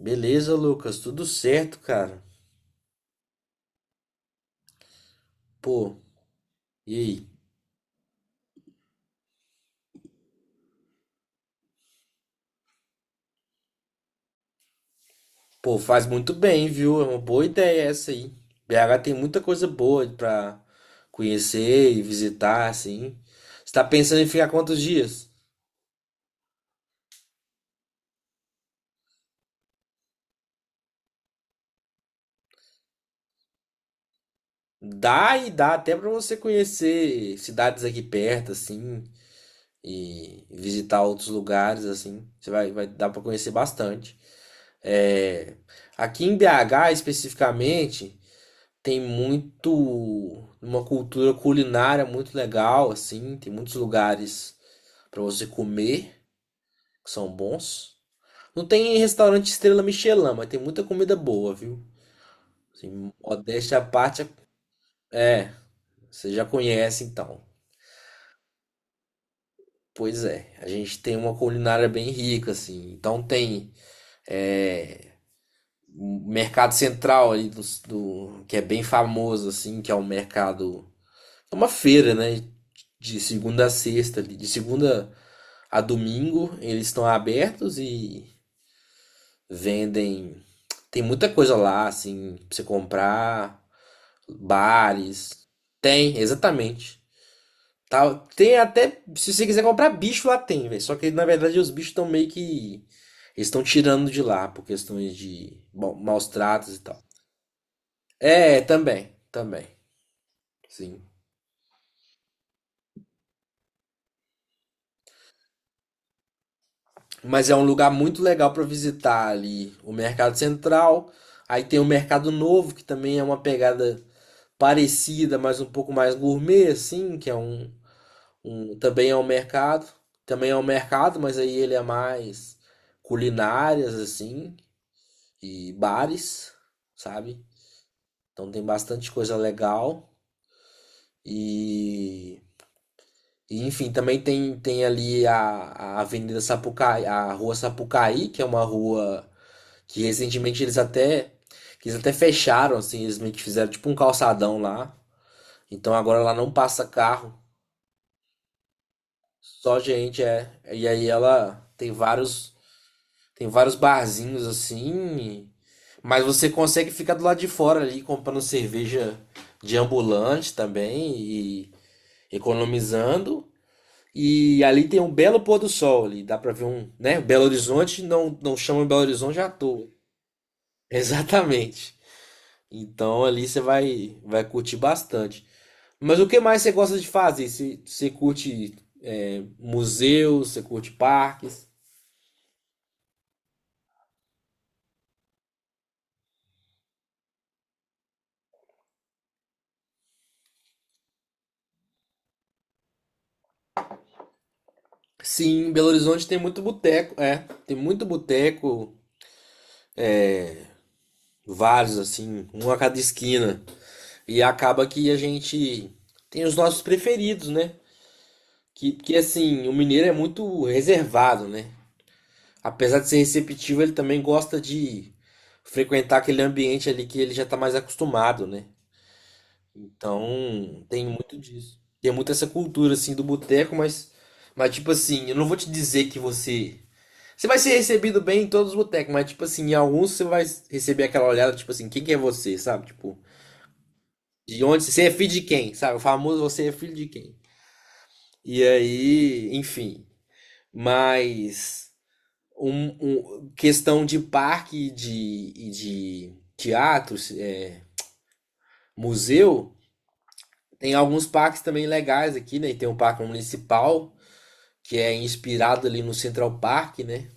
Beleza, Lucas, tudo certo, cara. Pô, e aí? Pô, faz muito bem, viu? É uma boa ideia essa aí. BH tem muita coisa boa pra conhecer e visitar, assim. Você tá pensando em ficar quantos dias? Dá e dá até pra você conhecer cidades aqui perto, assim, e visitar outros lugares, assim. Você vai dar pra conhecer bastante. É, aqui em BH especificamente, tem muito uma cultura culinária muito legal assim, tem muitos lugares para você comer que são bons. Não tem restaurante estrela Michelin, mas tem muita comida boa, viu? Assim, modéstia à parte, é, você já conhece então. Pois é, a gente tem uma culinária bem rica assim. Então tem, é, o mercado central ali que é bem famoso assim, que é o mercado. É uma feira, né? De segunda a sexta ali. De segunda a domingo, eles estão abertos e vendem. Tem muita coisa lá, assim, pra você comprar, bares. Tem, exatamente. Tá, tem até. Se você quiser comprar bicho, lá tem, velho. Só que na verdade os bichos estão meio que. Eles estão tirando de lá por questões de, bom, maus tratos e tal. É, também, também. Sim. Mas é um lugar muito legal para visitar ali o Mercado Central. Aí tem o Mercado Novo, que também é uma pegada parecida, mas um pouco mais gourmet, assim, que é um, um também é um mercado. Também é um mercado, mas aí ele é mais culinárias, assim, e bares, sabe? Então tem bastante coisa legal. E, e, enfim, também tem, tem ali a Avenida Sapucaí, a Rua Sapucaí, que é uma rua. Que recentemente eles até, que eles até fecharam, assim, eles meio que fizeram tipo um calçadão lá. Então agora lá não passa carro, só gente, é. E aí ela tem vários barzinhos assim, mas você consegue ficar do lado de fora ali comprando cerveja de ambulante também e economizando. E ali tem um belo pôr do sol ali, dá pra ver um, né? Belo Horizonte não chama Belo Horizonte à toa. Exatamente. Então ali você vai, vai curtir bastante. Mas o que mais você gosta de fazer? Você curte, é, museus, você curte parques? Sim, em Belo Horizonte tem muito boteco, é, tem muito boteco, vários assim, um a cada esquina. E acaba que a gente tem os nossos preferidos, né? Que assim, o mineiro é muito reservado, né? Apesar de ser receptivo, ele também gosta de frequentar aquele ambiente ali que ele já tá mais acostumado, né? Então, tem muito disso. Tem muito essa cultura assim do boteco, mas tipo assim, eu não vou te dizer que você vai ser recebido bem em todos os botecos, mas tipo assim, em alguns você vai receber aquela olhada tipo assim, quem que é você, sabe? Tipo, de onde você é, filho de quem, sabe? O famoso você é filho de quem. E aí, enfim, mas questão de parque e de teatros, é, museu, tem alguns parques também legais aqui, né? E tem um parque municipal que é inspirado ali no Central Park, né?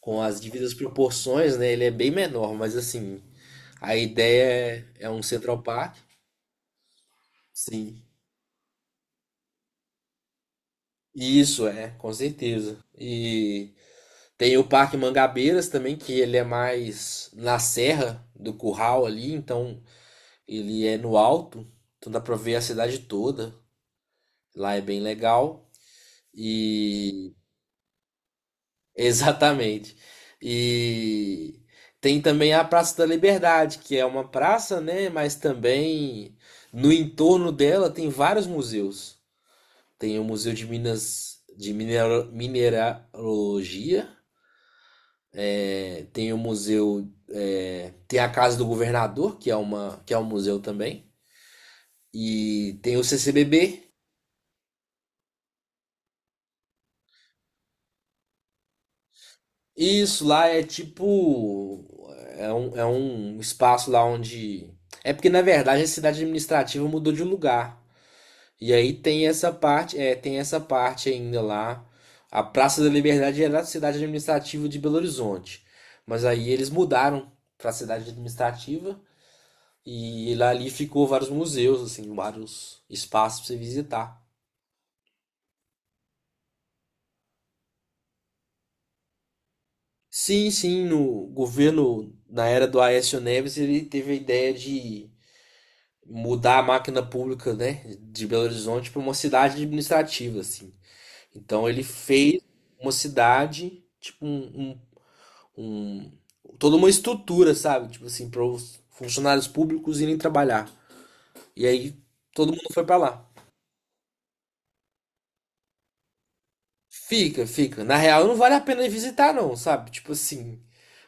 Com as devidas proporções, né? Ele é bem menor, mas assim, a ideia é, é um Central Park. Sim. Isso é, com certeza. E tem o Parque Mangabeiras também, que ele é mais na Serra do Curral ali, então ele é no alto, então dá pra ver a cidade toda. Lá é bem legal. E. Exatamente. E tem também a Praça da Liberdade, que é uma praça, né? Mas também no entorno dela tem vários museus. Tem o Museu de Minas de Mineralogia, é, tem o museu, é, tem a Casa do Governador, que é uma, que é um museu também, e tem o CCBB. Isso lá é tipo. É um espaço lá onde. É porque, na verdade, a cidade administrativa mudou de lugar. E aí tem essa parte, é, tem essa parte ainda lá. A Praça da Liberdade era a cidade administrativa de Belo Horizonte. Mas aí eles mudaram para a cidade administrativa e lá ali ficou vários museus, assim, vários espaços para você visitar. Sim, sim, no governo, na era do Aécio Neves, ele teve a ideia de mudar a máquina pública, né, de Belo Horizonte para uma cidade administrativa, assim. Então ele fez uma cidade, tipo um- toda uma estrutura, sabe, tipo assim, para os funcionários públicos irem trabalhar. E aí todo mundo foi para lá. Fica, fica. Na real, não vale a pena ir visitar, não, sabe? Tipo assim,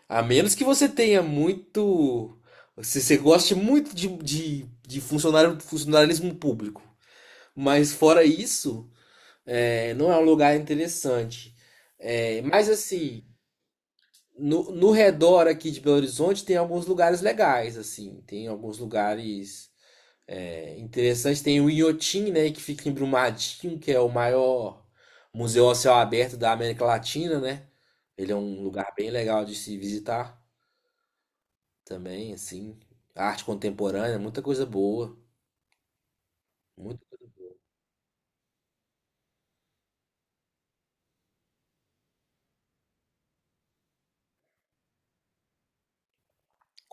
a menos que você tenha muito, se você goste muito de funcionalismo público. Mas fora isso, é, não é um lugar interessante. É, mas assim, no, no redor aqui de Belo Horizonte tem alguns lugares legais, assim, tem alguns lugares, é, interessantes. Tem o Inhotim, né, que fica em Brumadinho, que é o maior museu a céu aberto da América Latina, né? Ele é um lugar bem legal de se visitar também, assim. Arte contemporânea, muita coisa boa. Muita coisa boa.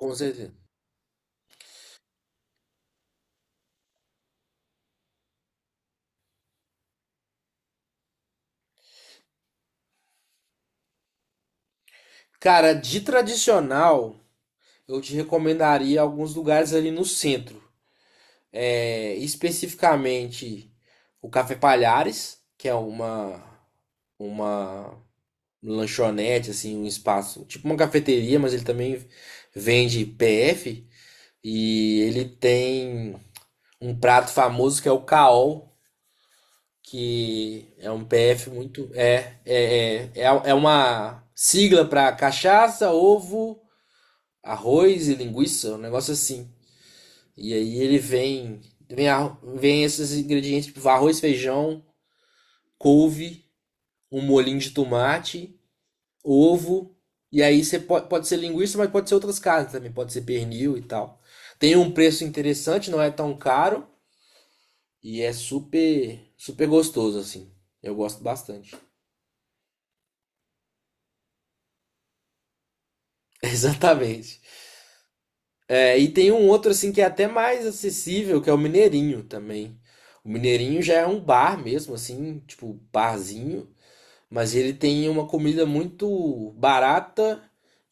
Com certeza. Cara, de tradicional, eu te recomendaria alguns lugares ali no centro. É, especificamente o Café Palhares, que é uma lanchonete, assim, um espaço, tipo uma cafeteria, mas ele também vende PF e ele tem um prato famoso que é o caol, que é um PF muito. É uma sigla para cachaça, ovo, arroz e linguiça, um negócio assim. E aí ele vem, vem, a- vem esses ingredientes, tipo arroz, feijão, couve, um molhinho de tomate, ovo, e aí você pode, pode ser linguiça, mas pode ser outras carnes também, pode ser pernil e tal. Tem um preço interessante, não é tão caro e é super, super gostoso assim. Eu gosto bastante. Exatamente. É, e tem um outro assim que é até mais acessível, que é o Mineirinho também. O Mineirinho já é um bar mesmo, assim, tipo barzinho. Mas ele tem uma comida muito barata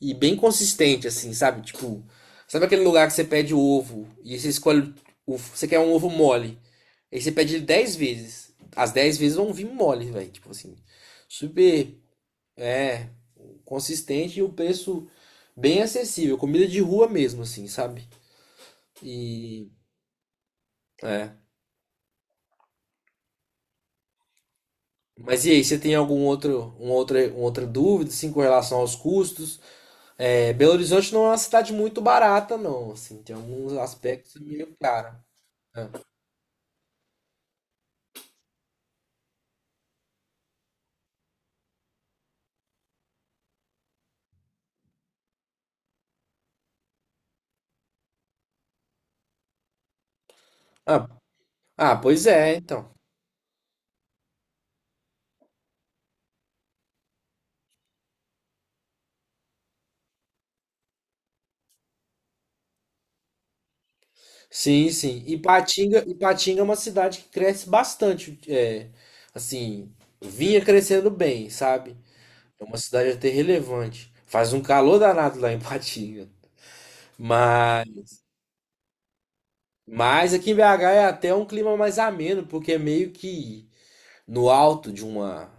e bem consistente, assim, sabe? Tipo, sabe aquele lugar que você pede o ovo e você escolhe. O, você quer um ovo mole. Aí você pede ele 10 vezes. As 10 vezes vão vir mole, velho. Tipo assim, super, é, consistente e o preço bem acessível. Comida de rua mesmo, assim, sabe? E. É. Mas e aí, você tem algum outro, um outra, uma outra dúvida, assim, com relação aos custos? É, Belo Horizonte não é uma cidade muito barata, não. Assim, tem alguns aspectos meio cara. É. Ah, ah, pois é, então. Sim, sim. Ipatinga é uma cidade que cresce bastante. É, assim, vinha crescendo bem, sabe? É uma cidade até relevante. Faz um calor danado lá em Ipatinga. Mas, mas aqui em BH é até um clima mais ameno, porque é meio que no alto de uma.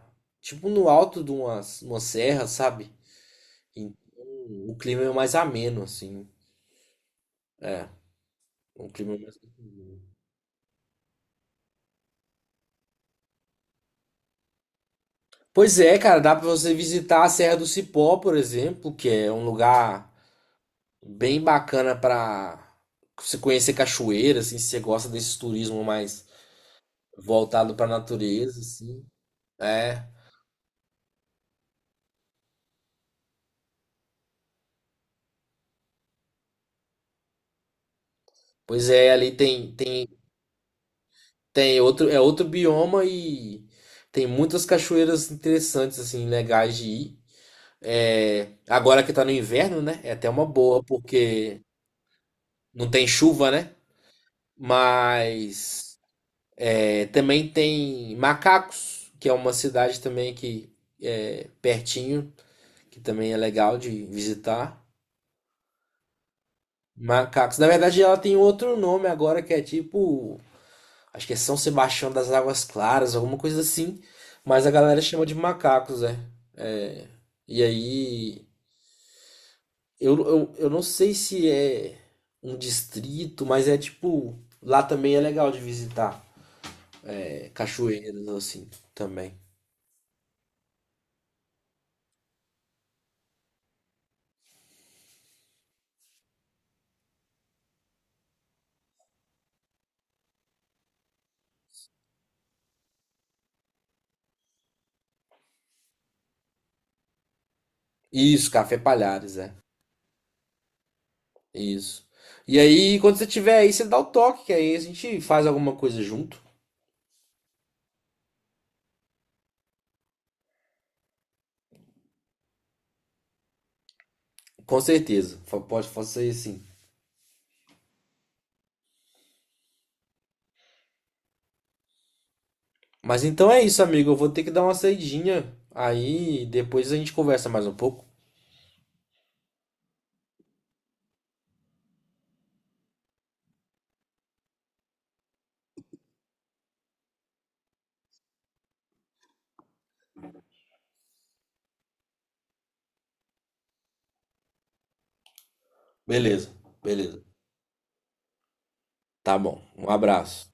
Tipo no alto de uma serra, sabe? Então, o clima é mais ameno, assim. É, um clima mais. Pois é, cara, dá pra você visitar a Serra do Cipó, por exemplo, que é um lugar bem bacana pra você conhecer cachoeira, assim, se você gosta desse turismo mais voltado pra natureza, assim. É. Pois é, ali tem outro é outro bioma e tem muitas cachoeiras interessantes assim, legais de ir. É, agora que tá no inverno, né? É até uma boa, porque não tem chuva, né? Mas é, também tem Macacos, que é uma cidade também que é pertinho, que também é legal de visitar. Macacos. Na verdade, ela tem outro nome agora que é tipo, acho que é São Sebastião das Águas Claras, alguma coisa assim. Mas a galera chama de Macacos, né? É, e aí, eu não sei se é um distrito, mas é tipo, lá também é legal de visitar. É, Cachoeiras, assim, também. Isso, Café Palhares, é. Isso. E aí, quando você tiver aí, você dá o toque, que aí a gente faz alguma coisa junto. Com certeza. Pode fazer assim. Mas então é isso, amigo. Eu vou ter que dar uma saidinha. Aí depois a gente conversa mais um pouco. Beleza, beleza. Tá bom. Um abraço.